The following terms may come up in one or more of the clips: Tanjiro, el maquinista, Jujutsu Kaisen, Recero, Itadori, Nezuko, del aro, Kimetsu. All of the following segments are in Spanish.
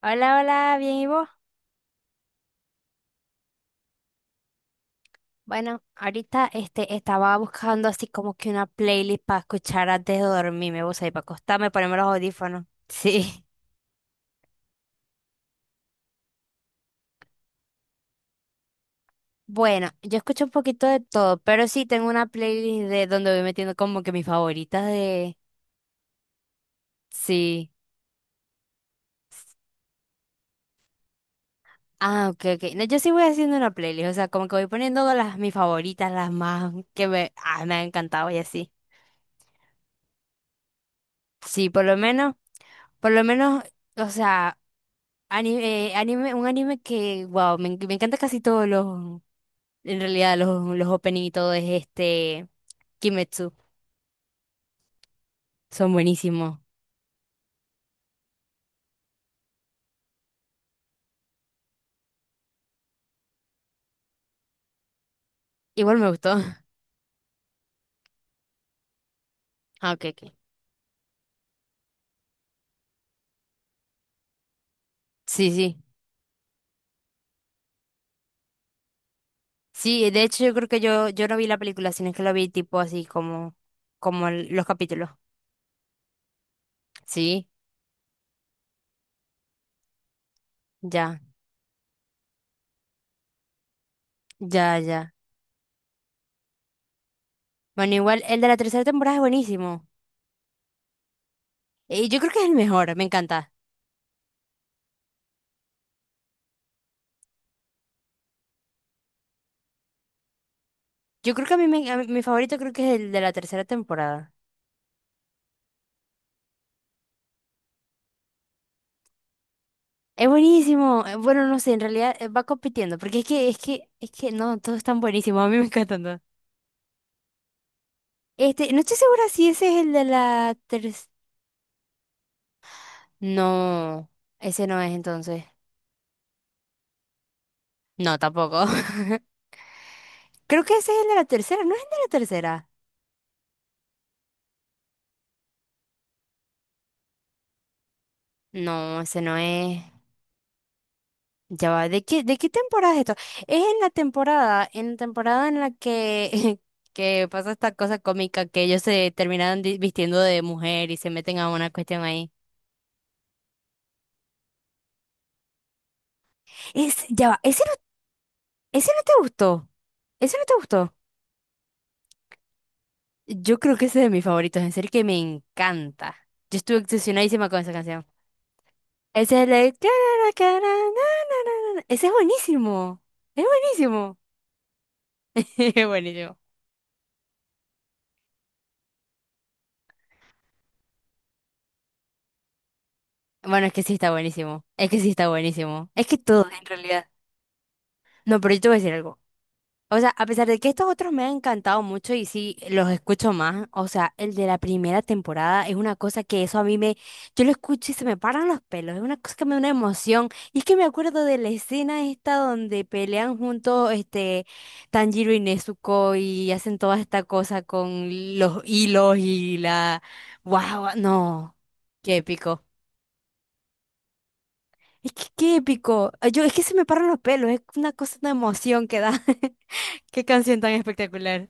Hola, hola, bien, ¿y vos? Bueno, ahorita estaba buscando así como que una playlist para escuchar antes de dormirme, vos ahí, para acostarme, ponerme los audífonos. Sí. Bueno, yo escucho un poquito de todo, pero sí tengo una playlist de donde voy metiendo como que mis favoritas de... Sí. Ah, ok, ok. No, yo sí voy haciendo una playlist, o sea, como que voy poniendo las mis favoritas, las más que me han encantado y así. Sí, por lo menos, o sea... Anime, anime, un anime que, wow, me encanta casi todos los, en realidad los opening y todo es Kimetsu, son buenísimos. Igual me gustó. Ah, ok, ok. Sí, sí. Sí, de hecho yo creo que yo no vi la película, sino que la vi tipo así como, como los capítulos. Sí, ya, ya, ya. Bueno, igual el de la tercera temporada es buenísimo. Y yo creo que es el mejor, me encanta. Yo creo que mi favorito creo que es el de la tercera temporada. Es buenísimo. Bueno, no sé, en realidad va compitiendo, porque es que no, todos están buenísimos. A mí me encantan todos. Este, no estoy segura si ese es el de la tercera. No, ese no es entonces. No, tampoco. Creo que ese es el de la tercera, ¿no es el de la tercera? No, ese no es. Ya va, de qué temporada es esto? Es en la temporada, en la temporada en la que, que pasa esta cosa cómica que ellos se terminan vistiendo de mujer y se meten a una cuestión ahí. Es, ya va, ese no. ¿Ese no te gustó? ¿Ese no te gustó? Yo creo que ese es de mis favoritos, en serio que me encanta. Yo estuve obsesionadísima con esa canción. Ese es el de... cara, cara, na, na, na, na. Ese es buenísimo. Es buenísimo. Es buenísimo. Bueno, es que sí está buenísimo. Es que sí está buenísimo. Es que todo, en realidad. No, pero yo te voy a decir algo. O sea, a pesar de que estos otros me han encantado mucho y sí los escucho más, o sea, el de la primera temporada es una cosa que eso a mí me, yo lo escucho y se me paran los pelos, es una cosa que me da una emoción. Y es que me acuerdo de la escena esta donde pelean juntos este Tanjiro y Nezuko y hacen toda esta cosa con los hilos y la, wow, no, qué épico. Es que qué épico. Yo, es que se me paran los pelos, es una cosa, una emoción que da. Qué canción tan espectacular.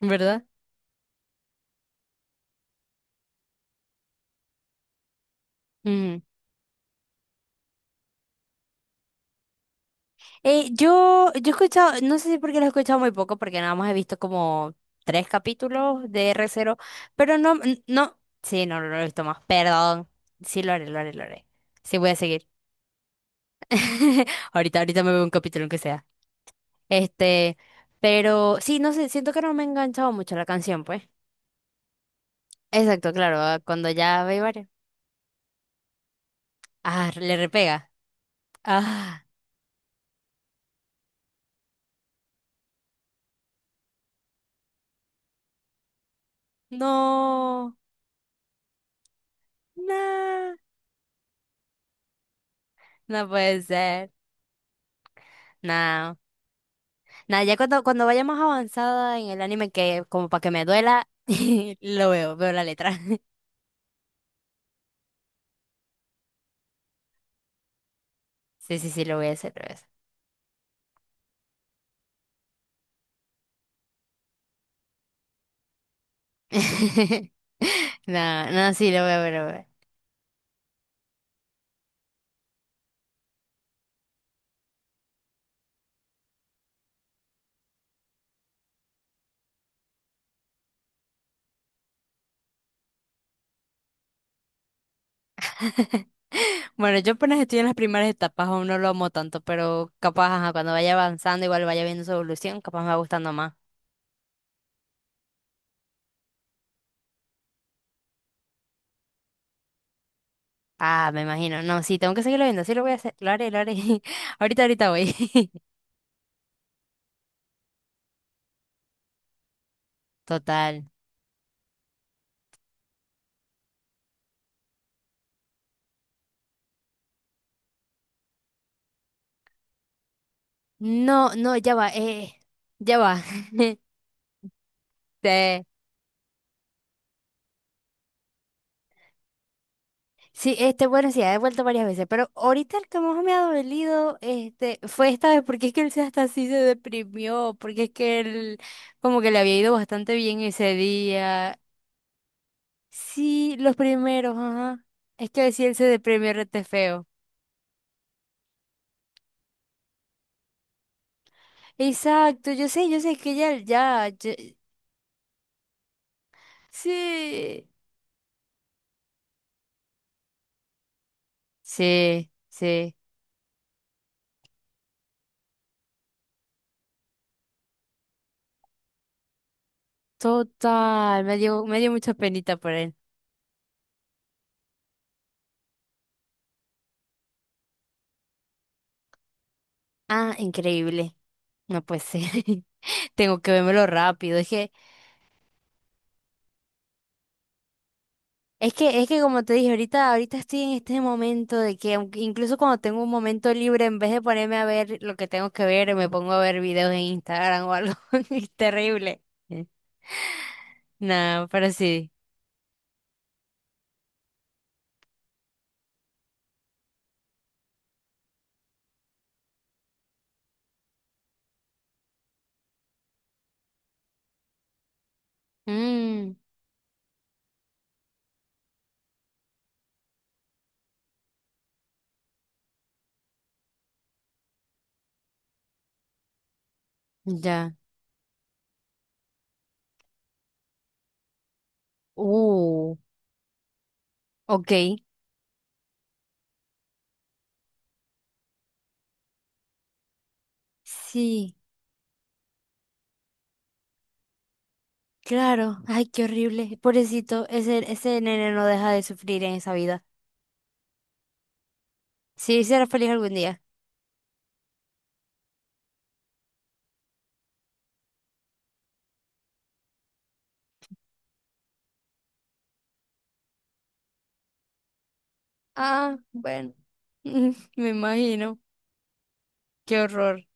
Verdad. Ujú. Yo he escuchado, no sé si porque lo he escuchado muy poco, porque nada más he visto como 3 capítulos de r cero, pero no, no, sí, no, no lo he visto más, perdón, sí lo haré, lo haré, lo haré, sí voy a seguir, ahorita, ahorita me veo un capítulo aunque sea, este, pero sí, no sé, siento que no me ha enganchado mucho la canción, pues, exacto, claro, ah, cuando ya ve varios, ah, le repega, ah, no, no, no puede ser, no. Nada, ya cuando, cuando vaya más avanzada en el anime, que como para que me duela, lo veo, veo la letra. Sí, sí, sí, lo voy a hacer, lo voy a hacer. No, no, sí, lo voy a ver, lo voy a ver. Bueno, yo apenas estoy en las primeras etapas, aún no lo amo tanto, pero capaz, ajá, cuando vaya avanzando, igual vaya viendo su evolución, capaz me va gustando más. Ah, me imagino. No, sí, tengo que seguirlo viendo, sí lo voy a hacer, lo haré, lo haré. Ahorita, ahorita voy. Total. No, no, ya va, ya va. Te sí, este, bueno, sí, ha devuelto varias veces, pero ahorita el que más me ha dolido, este, fue esta vez, porque es que él se hasta así se deprimió, porque es que él como que le había ido bastante bien ese día. Sí, los primeros, ajá. Es que sí, él se deprimió rete feo. Exacto, yo sé que ya, ya, ya- sí, sí, sí. Total, me dio mucha penita por él. Ah, increíble. No puede ser. Tengo que vérmelo rápido. Es que es que, es que como te dije, ahorita, ahorita estoy en este momento de que aunque- incluso cuando tengo un momento libre, en vez de ponerme a ver lo que tengo que ver, me pongo a ver videos en Instagram o algo. Es terrible. Eh, No, pero sí. Mm, ya. Uh, ok. Sí, claro. Ay, qué horrible. Pobrecito, ese nene no deja de sufrir en esa vida. Sí, será feliz algún día. Ah, bueno. Me imagino. Qué horror.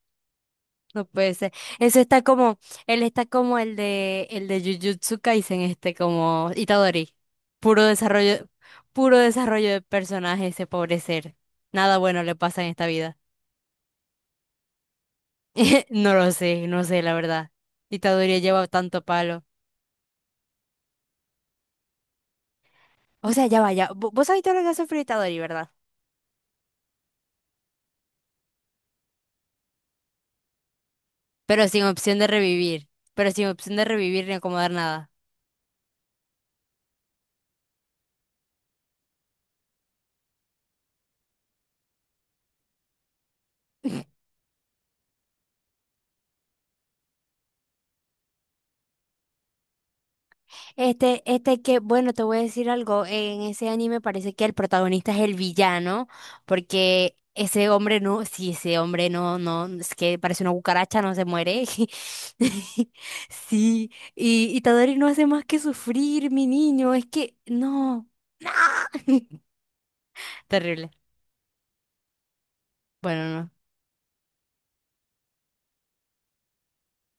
No puede ser. Eso está como, él está como el de Jujutsu Kaisen, este, como Itadori. Puro desarrollo, puro desarrollo de personaje ese pobre ser. Nada bueno le pasa en esta vida. No lo sé, no sé, la verdad. Itadori lleva tanto palo. O sea, ya vaya. Vos sabés todo lo que ha sufrido Itadori, ¿verdad? Pero sin opción de revivir. Pero sin opción de revivir ni acomodar nada. Este que, bueno, te voy a decir algo, en ese anime parece que el protagonista es el villano, porque ese hombre no, si ese hombre no, no, es que parece una cucaracha, no se muere. Sí, y Tadori no hace más que sufrir, mi niño, es que, no. Terrible. Bueno,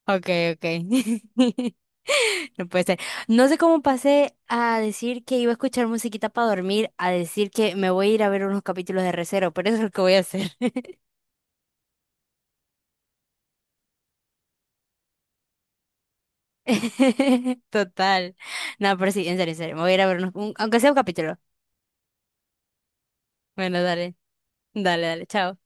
no. Okay, okay. No puede ser. No sé cómo pasé a decir que iba a escuchar musiquita para dormir, a decir que me voy a ir a ver unos capítulos de Recero, pero eso es lo que voy a hacer. Total. No, pero sí, en serio, en serio. Me voy a ir a ver aunque sea un capítulo. Bueno, dale, dale, dale, chao.